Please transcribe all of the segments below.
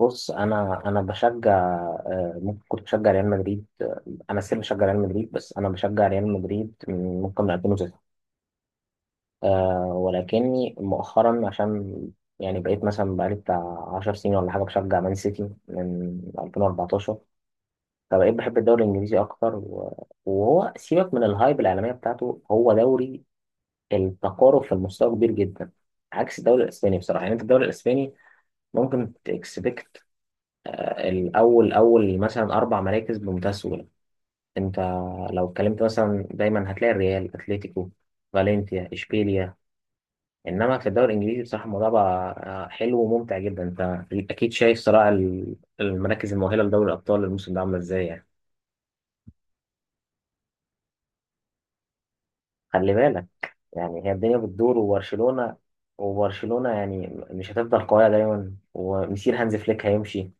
بص. انا بشجع. ممكن كنت بشجع ريال مدريد. انا سير بشجع ريال مدريد، بس انا بشجع ريال مدريد من ممكن من 2009. ولكني مؤخرا عشان يعني بقيت مثلا بقالي بتاع 10 سنين ولا حاجه بشجع مان سيتي من 2014. فبقيت بحب الدوري الانجليزي اكتر، وهو سيبك من الهايب الاعلاميه بتاعته، هو دوري التقارب في المستوى كبير جدا، عكس الدوري الاسباني بصراحه. يعني انت الدوري الاسباني ممكن تكسبكت الأول، أول مثلا أربع مراكز بمنتهى السهولة. أنت لو اتكلمت مثلا دايما هتلاقي الريال، أتلتيكو، فالنسيا، إشبيليا. إنما في الدوري الإنجليزي بصراحة الموضوع بقى حلو وممتع جدا. أنت أكيد شايف صراع المراكز المؤهلة لدوري الأبطال الموسم ده عاملة إزاي يعني. خلي بالك. يعني هي الدنيا بتدور، وبرشلونة، وبرشلونة يعني مش هتفضل قوية دايما، ومسير هانز فليك هيمشي.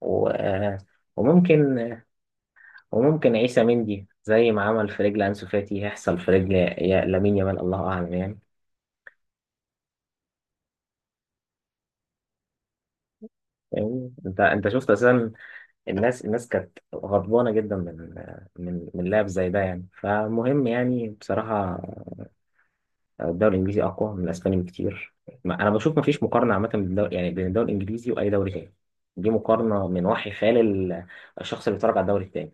و... آه، وممكن وممكن عيسى مندي زي ما عمل في رجل أنسو فاتي هيحصل في رجل لامين يامال. الله أعلم يعني. فاهمني؟ انت شفت اساسا الناس كانت غضبانه جدا من من لاعب زي ده يعني. فمهم يعني بصراحه الدوري الانجليزي اقوى من الاسباني بكتير. انا بشوف ما فيش مقارنه عامه بين الدوري يعني بين الدوري الانجليزي واي دوري تاني. دي مقارنه من وحي خيال الشخص اللي بيتفرج على الدوري التاني.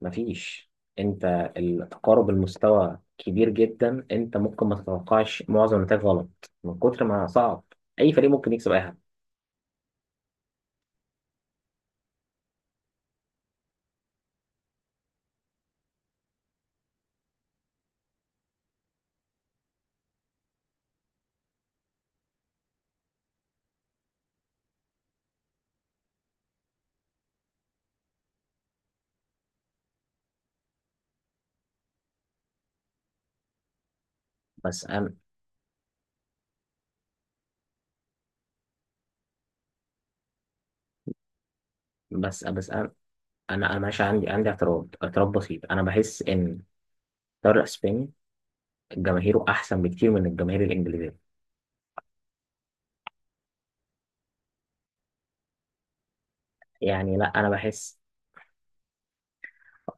مفيش. انت التقارب المستوى كبير جدا، انت ممكن ما تتوقعش معظم النتائج غلط من كتر ما صعب. اي فريق ممكن يكسب اي حد. بس انا بس بس انا انا أنا ماشي، عندي اعتراض بسيط، انا بحس ان الدوري الاسباني جماهيره احسن بكتير من الجماهير الانجليزيه. يعني لا انا بحس.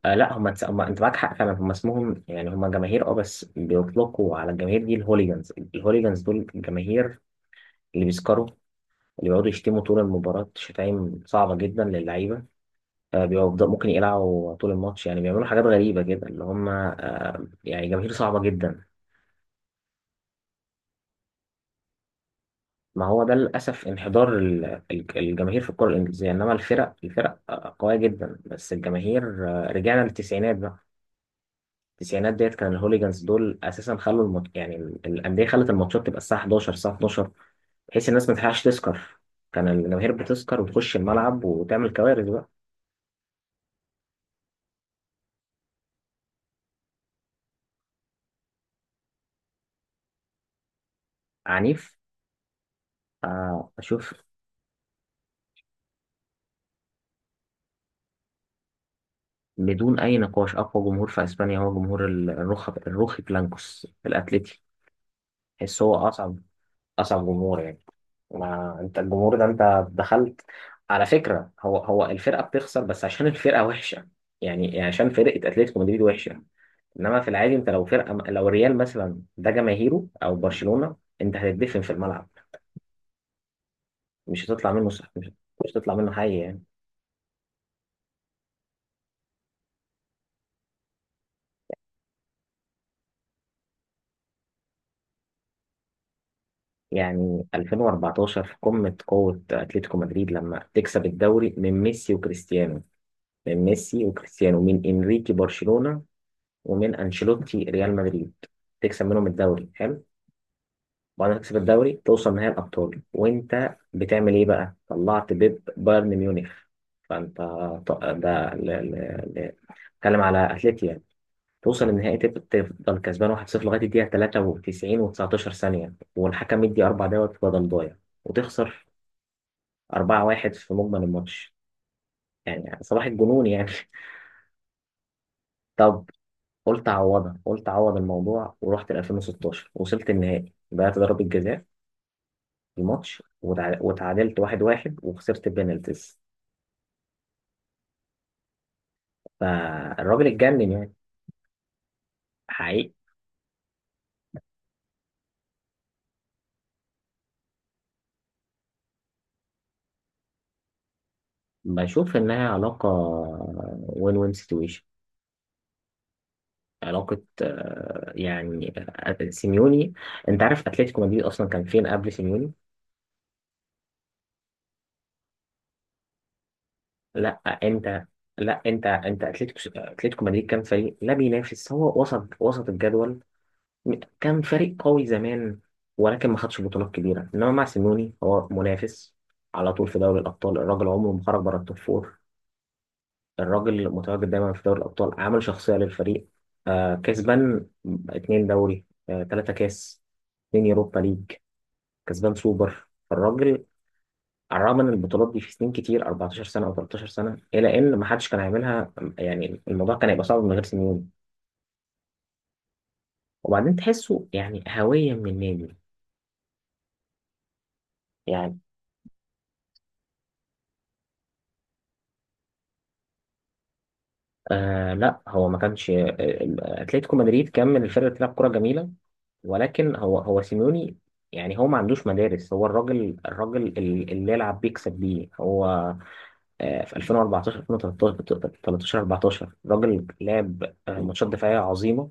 لا، انت معاك حق فعلا. هم اسمهم يعني هم جماهير، بس بيطلقوا على الجماهير دي الهوليجانز دول الجماهير اللي بيسكروا، اللي بيقعدوا يشتموا طول المباراة شتايم صعبة جدا للعيبة. بيبقوا ممكن يقلعوا طول الماتش يعني، بيعملوا حاجات غريبة كده اللي هم يعني جماهير صعبة جدا. ما هو ده للأسف انحدار الجماهير في الكرة الإنجليزية. إنما الفرق قوية جدا، بس الجماهير رجعنا للتسعينات بقى. التسعينات ديت كان الهوليجانز دول أساسا خلوا يعني الأندية خلت الماتشات تبقى الساعة 11، الساعة 12، بحيث الناس ما تلحقش تسكر. كان الجماهير بتسكر وتخش الملعب وتعمل كوارث بقى. عنيف. اشوف بدون أي نقاش أقوى جمهور في أسبانيا هو جمهور الروخ، الروخي بلانكوس في الأتليتي. تحس هو أصعب، أصعب جمهور يعني. ما أنت الجمهور ده أنت دخلت. على فكرة هو الفرقة بتخسر بس عشان الفرقة وحشة، يعني عشان فرقة أتلتيكو مدريد وحشة. إنما في العادي أنت لو فرقة، لو ريال مثلا ده جماهيره أو برشلونة، أنت هتدفن في الملعب، مش هتطلع منه، صح؟ مش هتطلع منه حي يعني 2014 في قمة قوة أتلتيكو مدريد لما تكسب الدوري من ميسي وكريستيانو، من انريكي برشلونة ومن انشيلوتي ريال مدريد، تكسب منهم الدوري، حلو. بعد ما تكسب الدوري توصل نهائي الابطال وانت بتعمل ايه بقى، طلعت بيب بايرن ميونخ. فانت ط- ده ل- ل- ل- اتكلم على اتلتي يعني، توصل النهائي تفضل كسبان 1-0 لغايه الدقيقه 93 و19 ثانيه، والحكم يدي اربع دوت بدل ضايع وتخسر 4-1 في مجمل الماتش. يعني صباح الجنون يعني. طب قلت اعوضها، قلت اعوض الموضوع ورحت ل 2016، وصلت النهائي ضيعت ضربة جزاء في الماتش، وتعادلت 1-1 وخسرت بينالتيز. فالراجل اتجنن يعني، حقيقي. بشوف انها علاقة، وين سيتويشن، علاقة يعني سيميوني. انت عارف اتلتيكو مدريد اصلا كان فين قبل سيميوني؟ لا انت لا انت اتلتيكو مدريد كان فريق لا بينافس، هو وسط، وسط الجدول، كان فريق قوي زمان ولكن ما خدش بطولات كبيرة. إنما مع سيميوني هو منافس على طول في دوري الأبطال، الراجل عمره ما خرج بره التوب فور، الراجل متواجد دايما في دوري الأبطال عامل شخصية للفريق. كسبان اتنين دوري، تلاتة كاس، اتنين يوروبا ليج، كسبان سوبر الراجل، على الرغم من البطولات دي في سنين كتير، 14 سنة أو 13 سنة، إلى إن ما حدش كان هيعملها. يعني الموضوع كان هيبقى صعب من غير سيميوني. وبعدين تحسه يعني هوية من النادي. يعني لا هو ما كانش، اتلتيكو مدريد كان من الفرق اللي بتلعب كرة جميلة، ولكن هو سيميوني. يعني هو ما عندوش مدارس، هو الراجل اللي يلعب بيكسب بيه هو. في 2014، 2013، 14 الراجل لعب ماتشات دفاعية عظيمة،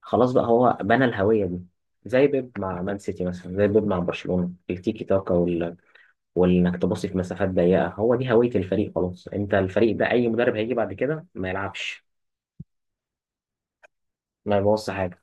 خلاص بقى هو بنى الهوية دي. زي بيب مع مان سيتي مثلا، زي بيب مع برشلونة التيكي تاكا وانك تباصي في مسافات ضيقة، هو دي هوية الفريق. خلاص انت الفريق ده اي مدرب هيجي بعد كده ما يلعبش ما يبوظش حاجة.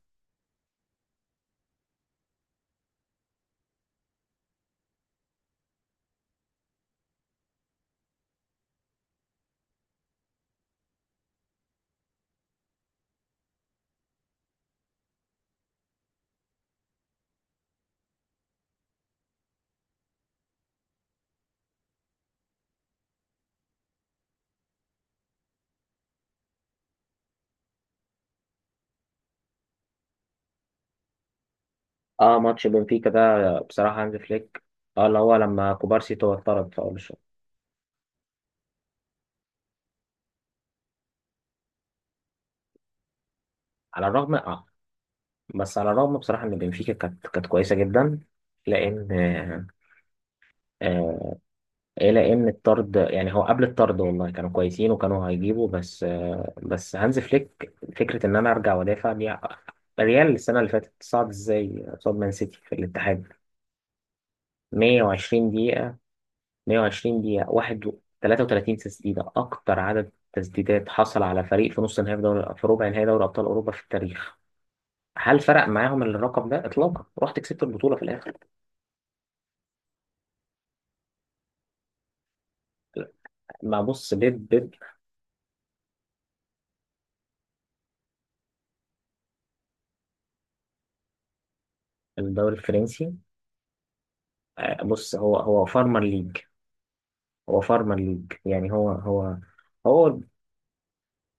اه، ماتش بنفيكا ده بصراحة هانز فليك، اه اللي هو لما كوبارسي تو اتطرد في اول الشوط. على الرغم، اه، بس على الرغم بصراحة ان بنفيكا كانت كويسة جدا، لان آه آه، إيه لان الطرد يعني هو قبل الطرد والله كانوا كويسين وكانوا هيجيبوا، بس هانز فليك فكرة ان انا ارجع وادافع دي. ريال السنة اللي فاتت صعد ازاي قصاد مان سيتي في الاتحاد؟ 120 دقيقة، 120 دقيقة، واحد 33 تسديدة، أكتر عدد تسديدات حصل على فريق في نص نهائي، في دوري، في ربع نهائي دوري أبطال أوروبا في التاريخ. هل فرق معاهم الرقم ده إطلاقا؟ رحت كسبت البطولة في الآخر. ما بص بيب، بيب. الدوري الفرنسي، بص هو، هو فارمر ليج، هو فارمر ليج يعني، هو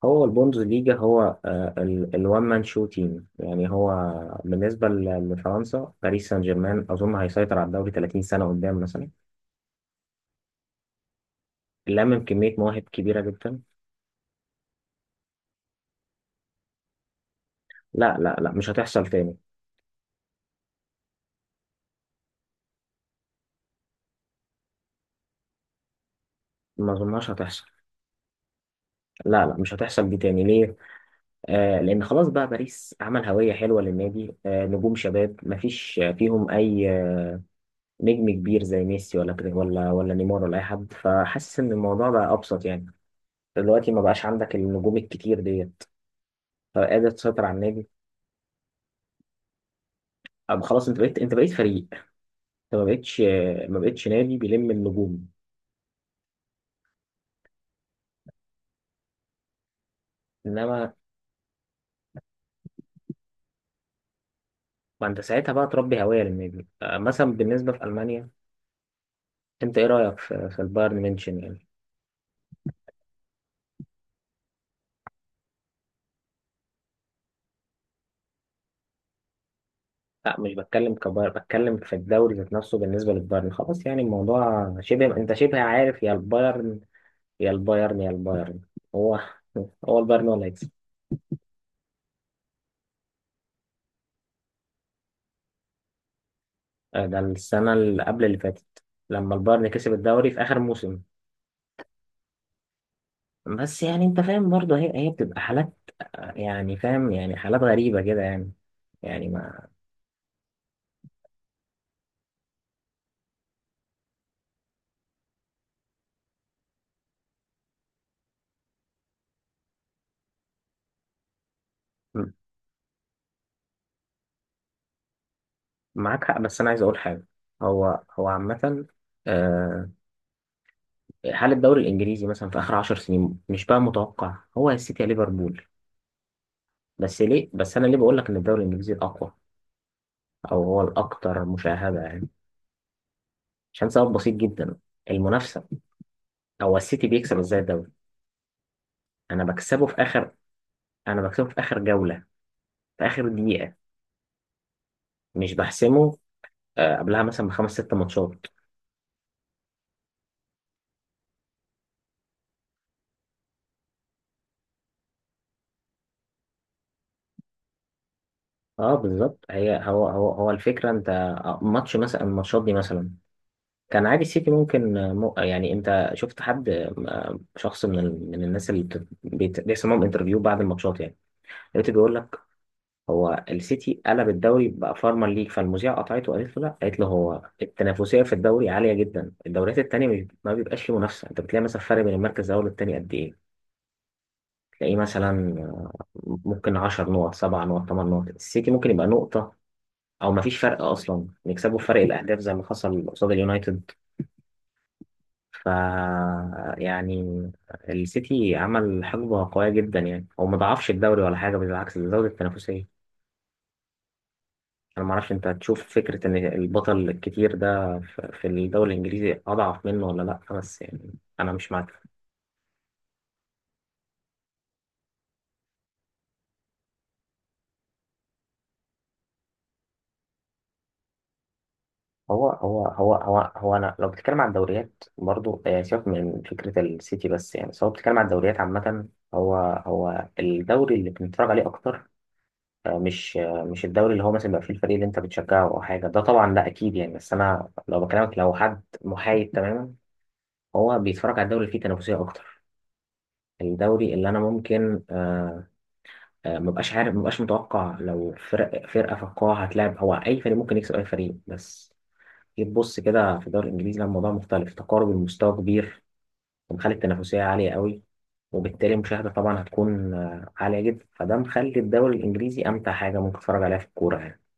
هو البوندز ليجا، هو الوان مان شو تيم يعني. هو بالنسبة لفرنسا، باريس سان جيرمان أظن هيسيطر على الدوري 30 سنة قدام مثلا، لمم كمية مواهب كبيرة جدا. لا، لا، لا، مش هتحصل تاني. ما اظنهاش هتحصل، لا، لا، مش هتحصل دي تاني. ليه؟ لأن خلاص بقى باريس عمل هوية حلوة للنادي، نجوم شباب مفيش فيهم أي نجم كبير زي ميسي، ولا ولا نيمار ولا أي حد، فحاسس إن الموضوع بقى أبسط يعني، دلوقتي ما بقاش عندك النجوم الكتير ديت، فقادر تسيطر على النادي. أب خلاص، أنت بقيت فريق، أنت ما بقتش نادي بيلم النجوم، إنما ما أنت ساعتها بقى تربي هوية للنادي. مثلا بالنسبة في ألمانيا، انت ايه رايك في البايرن ميونشن يعني؟ لا مش بتكلم كبايرن، بتكلم في الدوري ذات نفسه. بالنسبه للبايرن خلاص يعني الموضوع شبه، انت شبه عارف، يا البايرن يا البايرن يا البايرن، هو البايرن هو اللي هيكسب. ده السنه اللي قبل اللي فاتت لما البايرن كسب الدوري في اخر موسم. بس يعني انت فاهم برضه، هي بتبقى حالات، يعني فاهم يعني حالات غريبه كده يعني. يعني ما م- معاك حق، بس انا عايز اقول حاجه. هو عامه، آه، حال الدوري الانجليزي مثلا في اخر 10 سنين مش بقى متوقع، هو يا السيتي يا ليفربول. بس ليه، بس انا ليه بقول لك ان الدوري الانجليزي الاقوى او هو الاكثر مشاهده يعني؟ عشان سبب بسيط جدا، المنافسه. هو السيتي بيكسب ازاي الدوري؟ انا بكسبه في اخر انا بكسبه في اخر جوله، في اخر دقيقه، مش بحسمه قبلها مثلا بخمس ست ماتشات. اه بالظبط. هي هو هو هو الفكره، انت ماتش مثلا، الماتشات دي مثلا كان عادي. السيتي ممكن يعني انت شفت حد، شخص من الناس اللي بيحصل معاهم انترفيو بعد الماتشات يعني، لقيته بيقول لك هو السيتي قلب الدوري بقى فارما ليج، فالمذيعه قطعته وقالت له لا، قالت له هو التنافسيه في الدوري عاليه جدا، الدوريات التانيه ما بيبقاش فيه منافسه، انت بتلاقي مثلا فرق بين المركز الاول والتاني قد ايه؟ تلاقيه مثلا آه، ممكن 10 نقط، 7 نقط، 8 نقط، السيتي ممكن يبقى نقطه او ما فيش فرق اصلا، نكسبه في فرق الاهداف زي ما حصل قصاد اليونايتد. ف يعني السيتي عمل حقبة قوية جدا يعني، هو ما ضعفش الدوري ولا حاجة، بالعكس ده زود التنافسية. أنا ما أعرفش أنت تشوف فكرة إن البطل الكتير ده في الدوري الإنجليزي أضعف منه ولا لأ، بس يعني أنا مش معاك. هو هو هو هو هو انا لو بتتكلم عن الدوريات برضو، سيبك من فكره السيتي، بس يعني سواء بتتكلم عن الدوريات عامه، هو هو الدوري اللي بنتفرج عليه اكتر، مش الدوري اللي هو مثلا بيبقى فيه الفريق اللي انت بتشجعه او حاجه، ده طبعا لا اكيد يعني، بس انا لو بكلمك لو حد محايد تماما، هو بيتفرج على الدوري اللي فيه تنافسيه اكتر. الدوري اللي انا ممكن مبقاش عارف، مبقاش متوقع لو فرق فرقه في القاعه هتلاعب، هو اي فريق ممكن يكسب اي فريق. بس جيت تبص كده في الدوري الانجليزي لا، الموضوع مختلف، تقارب المستوى كبير ومخلي التنافسيه عاليه قوي. وبالتالي المشاهده طبعا هتكون عاليه جدا، فده مخلي الدوري الانجليزي امتع حاجه ممكن تتفرج عليها في الكوره يعني.